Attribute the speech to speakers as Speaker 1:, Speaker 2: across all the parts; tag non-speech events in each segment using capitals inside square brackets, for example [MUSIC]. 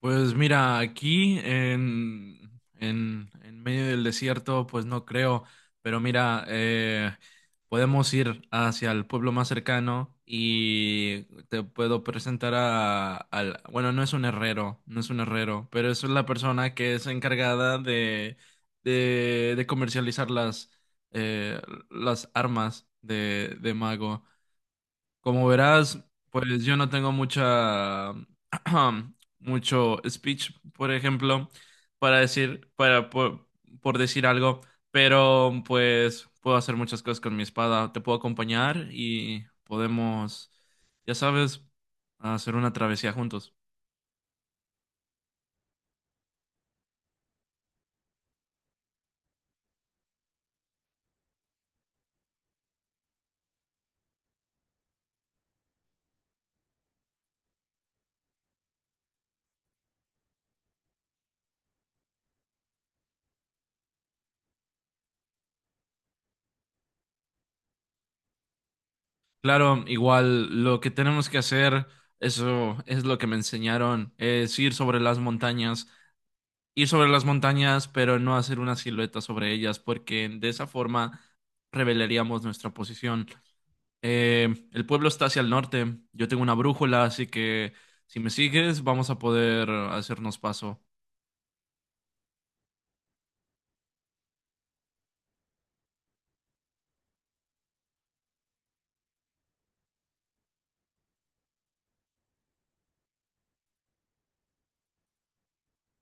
Speaker 1: Pues mira, aquí en medio del desierto, pues no creo, pero mira, podemos ir hacia el pueblo más cercano y te puedo presentar bueno, no es un herrero, pero es la persona que es encargada de comercializar eh, las armas de mago. Como verás, pues yo no tengo [CLEARS THROAT] mucho speech, por ejemplo, para decir, para, por decir algo, pero pues puedo hacer muchas cosas con mi espada. Te puedo acompañar y podemos, ya sabes, hacer una travesía juntos. Claro, igual lo que tenemos que hacer, eso es lo que me enseñaron, es ir sobre las montañas, pero no hacer una silueta sobre ellas, porque de esa forma revelaríamos nuestra posición. El pueblo está hacia el norte, yo tengo una brújula, así que si me sigues vamos a poder hacernos paso.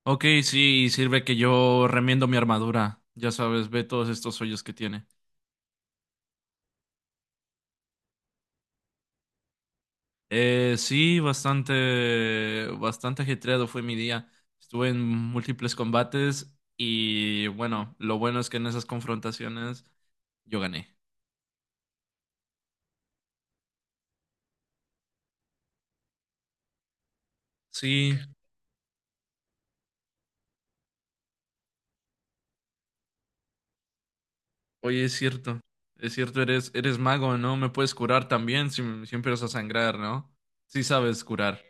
Speaker 1: Ok, sí, sirve que yo remiendo mi armadura, ya sabes, ve todos estos hoyos que tiene. Sí, bastante, bastante ajetreado fue mi día. Estuve en múltiples combates y bueno, lo bueno es que en esas confrontaciones yo gané. Sí, oye, es cierto. Es cierto, eres mago, ¿no? Me puedes curar también si empiezas a sangrar, ¿no? Sí sabes curar.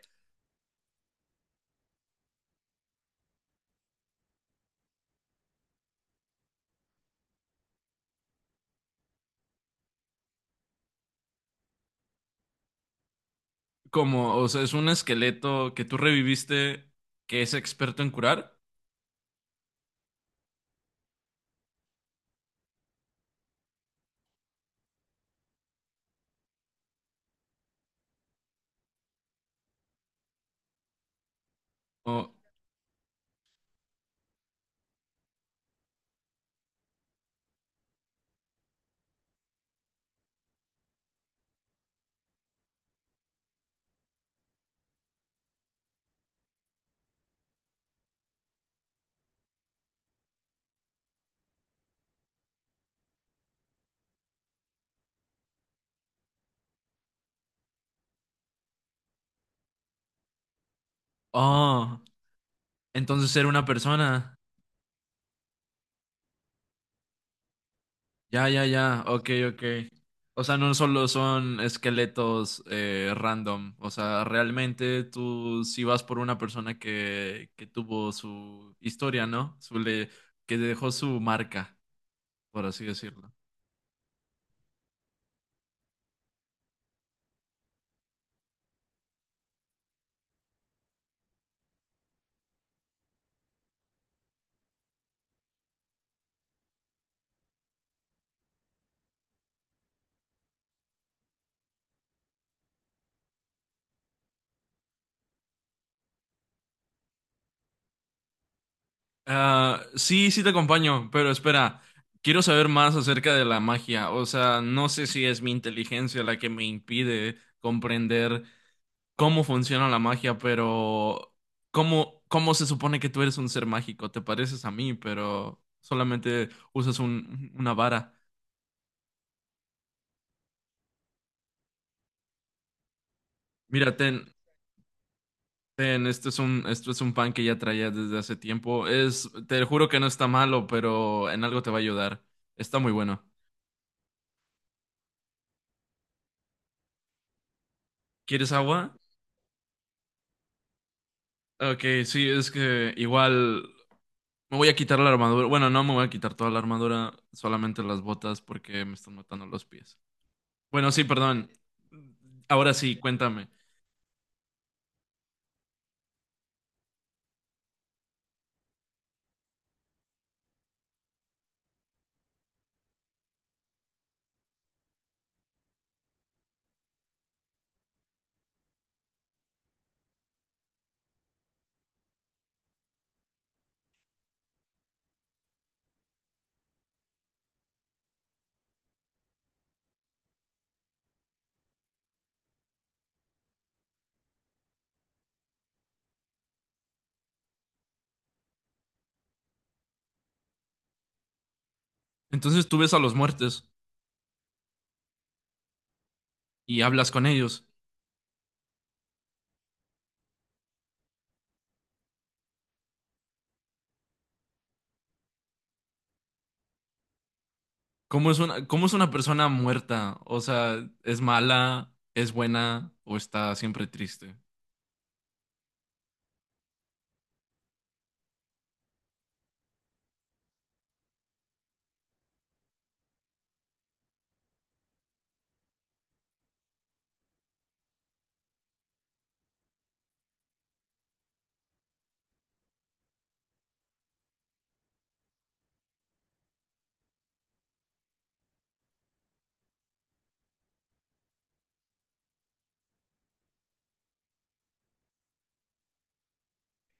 Speaker 1: Como, o sea, es un esqueleto que tú reviviste que es experto en curar. O, oh, entonces era una persona. Ya, ya, ya. Ok, ok. O sea, no solo son esqueletos random. O sea, realmente tú sí vas por una persona que tuvo su historia, ¿no? Que dejó su marca, por así decirlo. Ah, sí, sí te acompaño, pero espera, quiero saber más acerca de la magia. O sea, no sé si es mi inteligencia la que me impide comprender cómo funciona la magia, pero cómo se supone que tú eres un ser mágico. Te pareces a mí, pero solamente usas una vara. Mira, ten, esto es un pan que ya traía desde hace tiempo. Es, te juro que no está malo, pero en algo te va a ayudar. Está muy bueno. ¿Quieres agua? Ok, sí, es que igual me voy a quitar la armadura. Bueno, no me voy a quitar toda la armadura, solamente las botas porque me están matando los pies. Bueno, sí, perdón. Ahora sí, cuéntame. Entonces tú ves a los muertos y hablas con ellos. ¿Cómo es cómo es una persona muerta? O sea, ¿es mala, es buena o está siempre triste?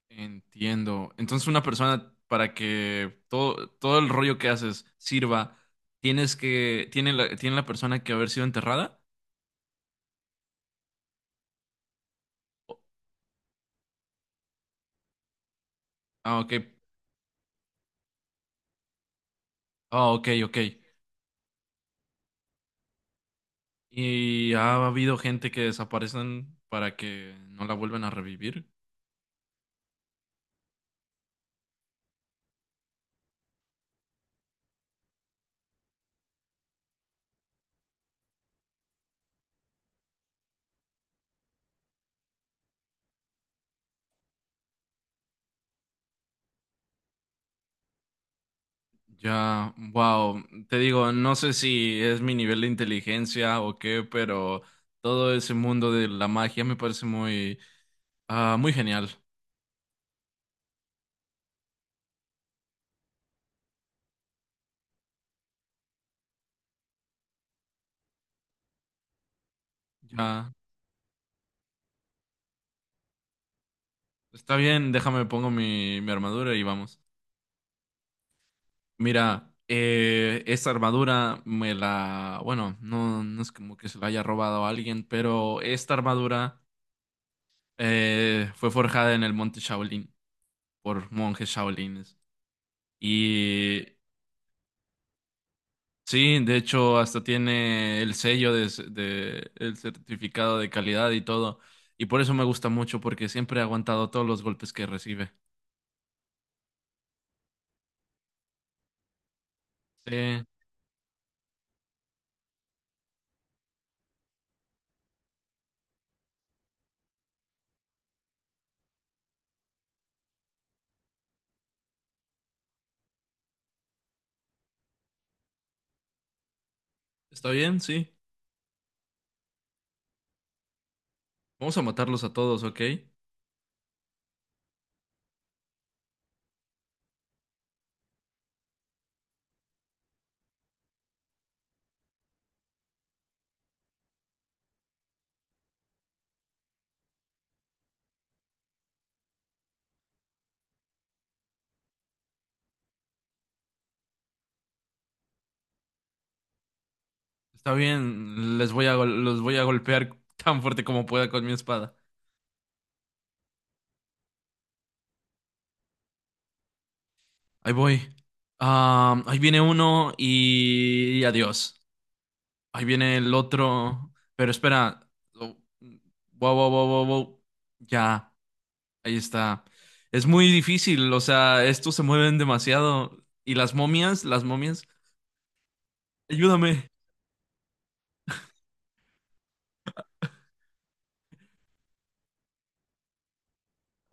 Speaker 1: Entiendo. Entonces una persona para que todo el rollo que haces sirva, tiene la persona que haber sido enterrada. Ah, ok. Ah, ok, ok. ¿Y ha habido gente que desaparecen para que no la vuelvan a revivir? Ya, wow. Te digo, no sé si es mi nivel de inteligencia o qué, pero todo ese mundo de la magia me parece ah, muy genial. Ya, está bien, déjame pongo mi armadura y vamos. Mira, esta armadura me la, bueno, no, no es como que se la haya robado a alguien, pero esta armadura fue forjada en el monte Shaolin por monjes shaolines. Y sí, de hecho, hasta tiene el sello de el certificado de calidad y todo. Y por eso me gusta mucho, porque siempre ha aguantado todos los golpes que recibe. Sí, está bien, sí. Vamos a matarlos a todos, ¿ok? Está bien, les voy a, gol- los voy a golpear [LAUGHS] tan fuerte como pueda con mi espada. Ahí voy. Ah, ahí viene uno y adiós. Ahí viene el otro. Pero espera. Oh, wow, wow, wow, wow, wow. Ya, ahí está. Es muy difícil, o sea, estos se mueven demasiado. ¿Y las momias? Las momias. Ayúdame.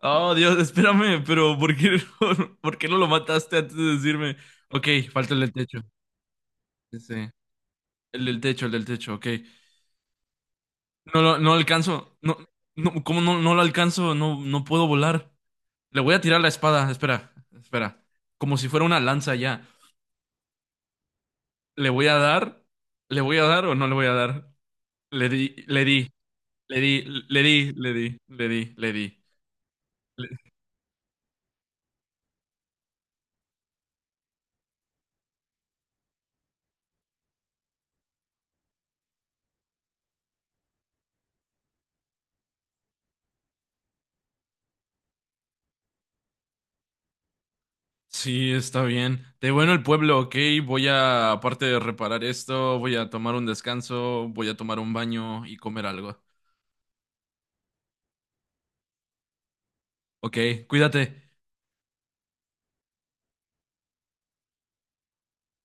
Speaker 1: Oh, Dios, espérame, pero ¿por qué, [LAUGHS] por qué no lo mataste antes de decirme? Ok, falta el del techo. Ese, el del techo, ok. No, no alcanzo. No, no, ¿Cómo no lo alcanzo? No, no puedo volar. Le voy a tirar la espada, espera. Como si fuera una lanza ya. ¿Le voy a dar? ¿Le voy a dar o no le voy a dar? Le di, le di, le di, le di, le di, le di, le di. Le- Sí, está bien. De bueno el pueblo, ok. Voy a, aparte de reparar esto, voy a tomar un descanso, voy a tomar un baño y comer algo. Ok, cuídate.